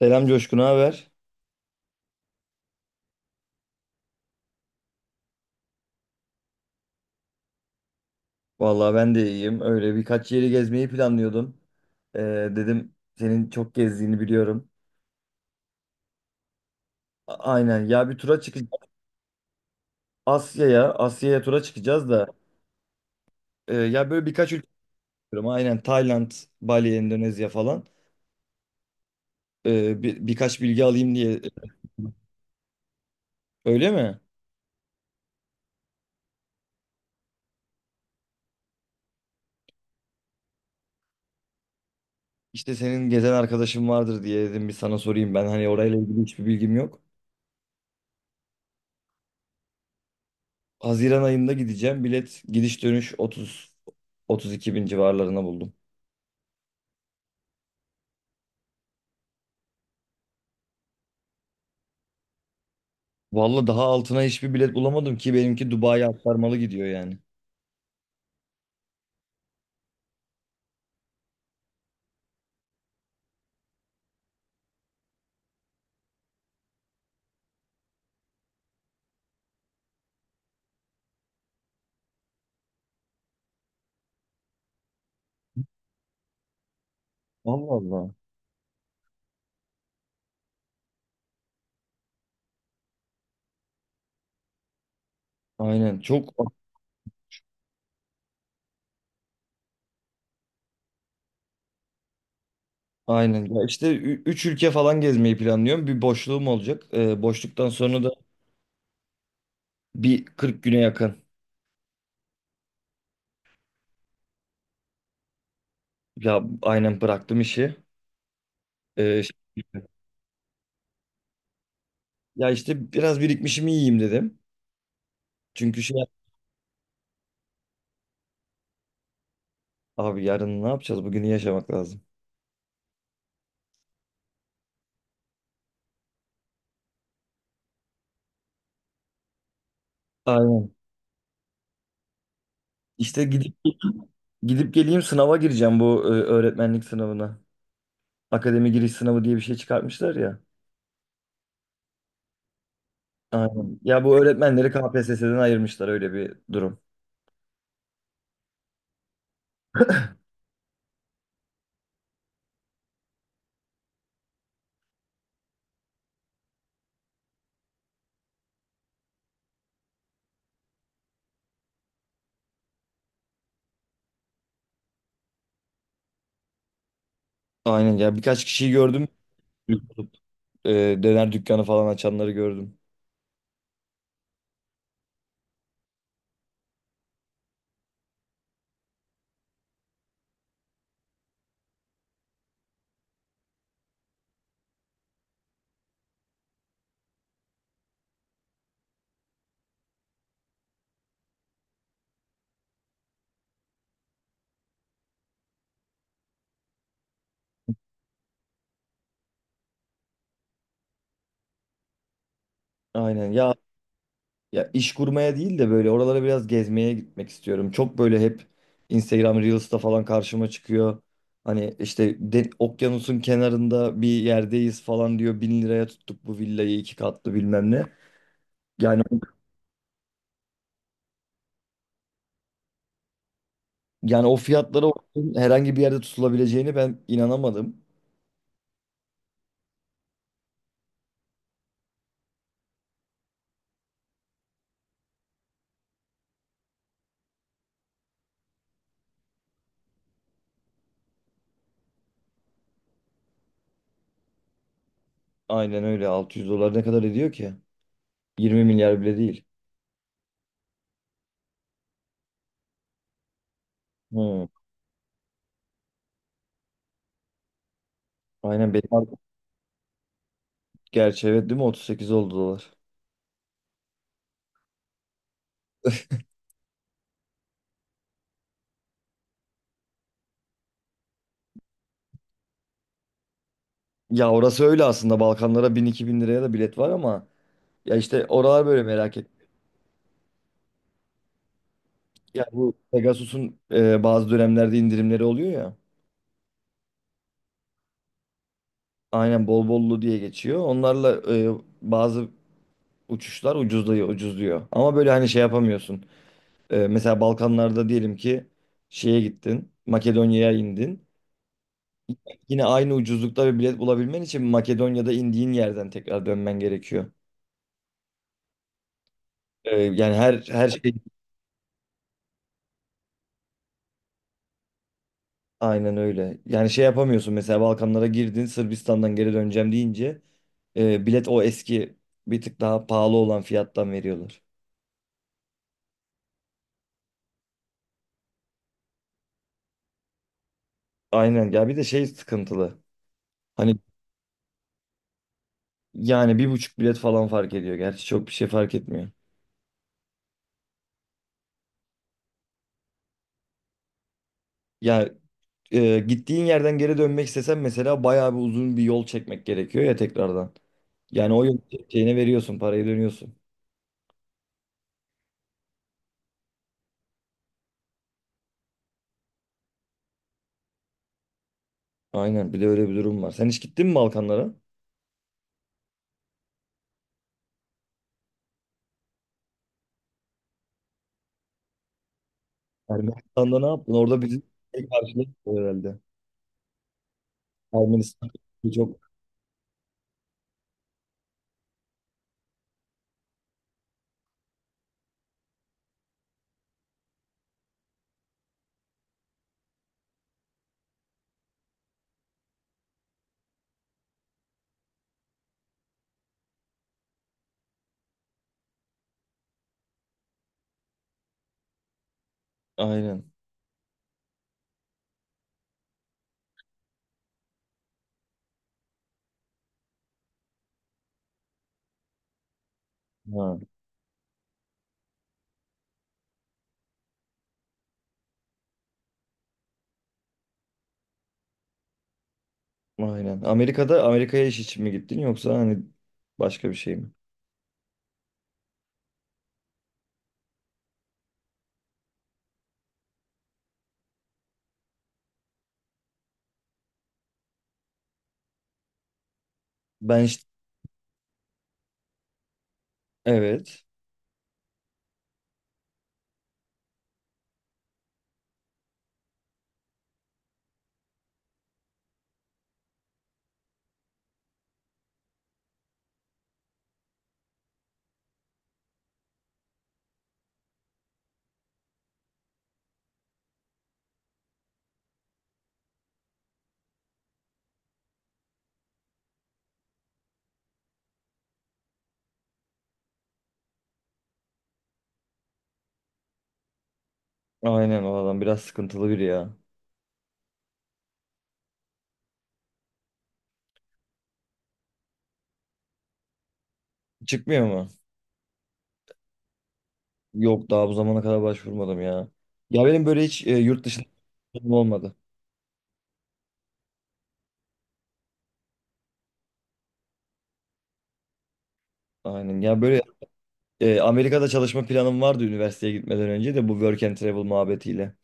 Selam Coşkun, haber? Vallahi ben de iyiyim. Öyle birkaç yeri gezmeyi planlıyordum. Ee, Dedim senin çok gezdiğini biliyorum. Aynen. Ya bir tura çıkacağız. Asya'ya, Asya'ya tura çıkacağız da ya böyle birkaç ülke istiyorum. Aynen Tayland, Bali, Endonezya falan. Birkaç bilgi alayım diye. Öyle mi? İşte senin gezen arkadaşın vardır diye dedim bir sana sorayım. Ben hani orayla ilgili hiçbir bilgim yok. Haziran ayında gideceğim. Bilet gidiş dönüş 30 32 bin civarlarına buldum. Vallahi daha altına hiçbir bilet bulamadım ki benimki Dubai'ye aktarmalı gidiyor yani. Allah Allah. Aynen, çok aynen. Ya işte 3 ülke falan gezmeyi planlıyorum. Bir boşluğum olacak. Boşluktan sonra da bir 40 güne yakın. Ya aynen bıraktım işi. Ee, ş- Ya işte biraz birikmişimi yiyeyim dedim. Çünkü abi yarın ne yapacağız? Bugünü yaşamak lazım. Aynen. İşte gidip gidip geleyim, sınava gireceğim, bu öğretmenlik sınavına. Akademi giriş sınavı diye bir şey çıkartmışlar ya. Aynen. Ya bu öğretmenleri KPSS'den ayırmışlar, öyle bir durum. Aynen, ya birkaç kişiyi gördüm. E, Döner dükkanı falan açanları gördüm. Aynen ya iş kurmaya değil de böyle oralara biraz gezmeye gitmek istiyorum. Çok böyle hep Instagram Reels'ta falan karşıma çıkıyor. Hani işte okyanusun kenarında bir yerdeyiz falan diyor. 1000 liraya tuttuk bu villayı, iki katlı bilmem ne. Yani yani o fiyatlara herhangi bir yerde tutulabileceğini ben inanamadım. Aynen öyle, 600 dolar ne kadar ediyor ki? 20 milyar bile değil. Hı. Aynen, gerçi evet, değil mi, 38 oldu dolar. Ya orası öyle aslında, Balkanlara 1000-2000 liraya da bilet var ama ya işte oralar böyle merak et. Ya bu Pegasus'un bazı dönemlerde indirimleri oluyor ya. Aynen, bol bollu diye geçiyor. Onlarla bazı uçuşlar ucuzluyor, ucuzluyor. Ama böyle hani şey yapamıyorsun. Mesela Balkanlarda diyelim ki şeye gittin, Makedonya'ya indin. Yine aynı ucuzlukta bir bilet bulabilmen için Makedonya'da indiğin yerden tekrar dönmen gerekiyor. Yani her şey aynen öyle. Yani şey yapamıyorsun, mesela Balkanlara girdin, Sırbistan'dan geri döneceğim deyince bilet o eski, bir tık daha pahalı olan fiyattan veriyorlar. Aynen ya, bir de şey sıkıntılı. Hani yani 1,5 bilet falan fark ediyor. Gerçi çok bir şey fark etmiyor. Ya gittiğin yerden geri dönmek istesen mesela bayağı bir uzun bir yol çekmek gerekiyor ya tekrardan. Yani o yol çekeceğine veriyorsun parayı, dönüyorsun. Aynen, bir de öyle bir durum var. Sen hiç gittin mi Balkanlara? Ermenistan'da ne yaptın? Orada bizi şey karşıladı herhalde. Ermenistan çok aynen. Ha, aynen. Amerika'ya iş için mi gittin, yoksa hani başka bir şey mi? Ben işte evet. Aynen, o adam biraz sıkıntılı biri ya. Çıkmıyor mu? Yok, daha bu zamana kadar başvurmadım ya. Ya benim böyle hiç yurt dışında planım olmadı. Aynen. Ya böyle Amerika'da çalışma planım vardı üniversiteye gitmeden önce de, bu work and travel muhabbetiyle.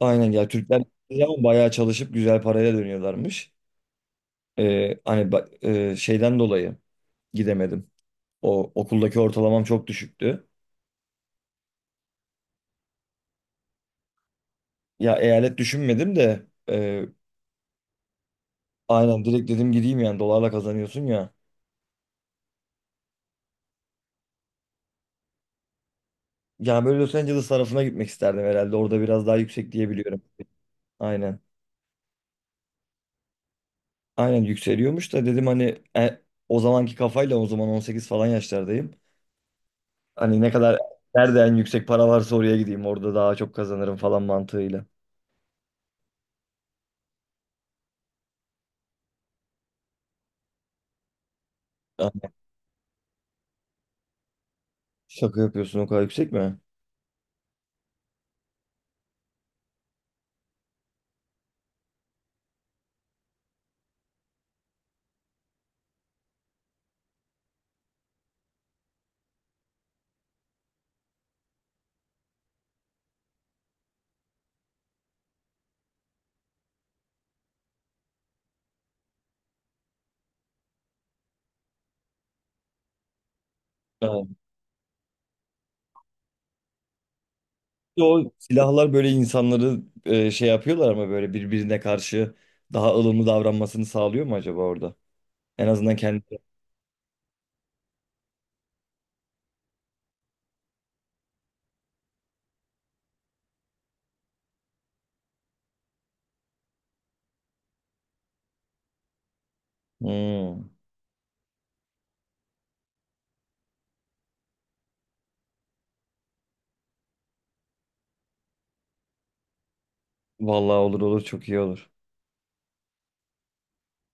Aynen ya, Türkler ama bayağı çalışıp güzel parayla dönüyorlarmış. Ee, hani ba- Şeyden dolayı gidemedim. O okuldaki ortalamam çok düşüktü. Ya eyalet düşünmedim de aynen, direkt dedim gideyim, yani dolarla kazanıyorsun ya. Ya böyle Los Angeles tarafına gitmek isterdim herhalde. Orada biraz daha yüksek diyebiliyorum. Aynen. Aynen yükseliyormuş da dedim hani o zamanki kafayla, o zaman 18 falan yaşlardayım. Hani ne kadar nerede en yüksek para varsa oraya gideyim. Orada daha çok kazanırım falan mantığıyla. Şaka yapıyorsun, o kadar yüksek mi? Evet. O silahlar böyle insanları şey yapıyorlar ama böyle birbirine karşı daha ılımlı davranmasını sağlıyor mu acaba orada? En azından kendi. Hmm. Vallahi olur olur, çok iyi olur.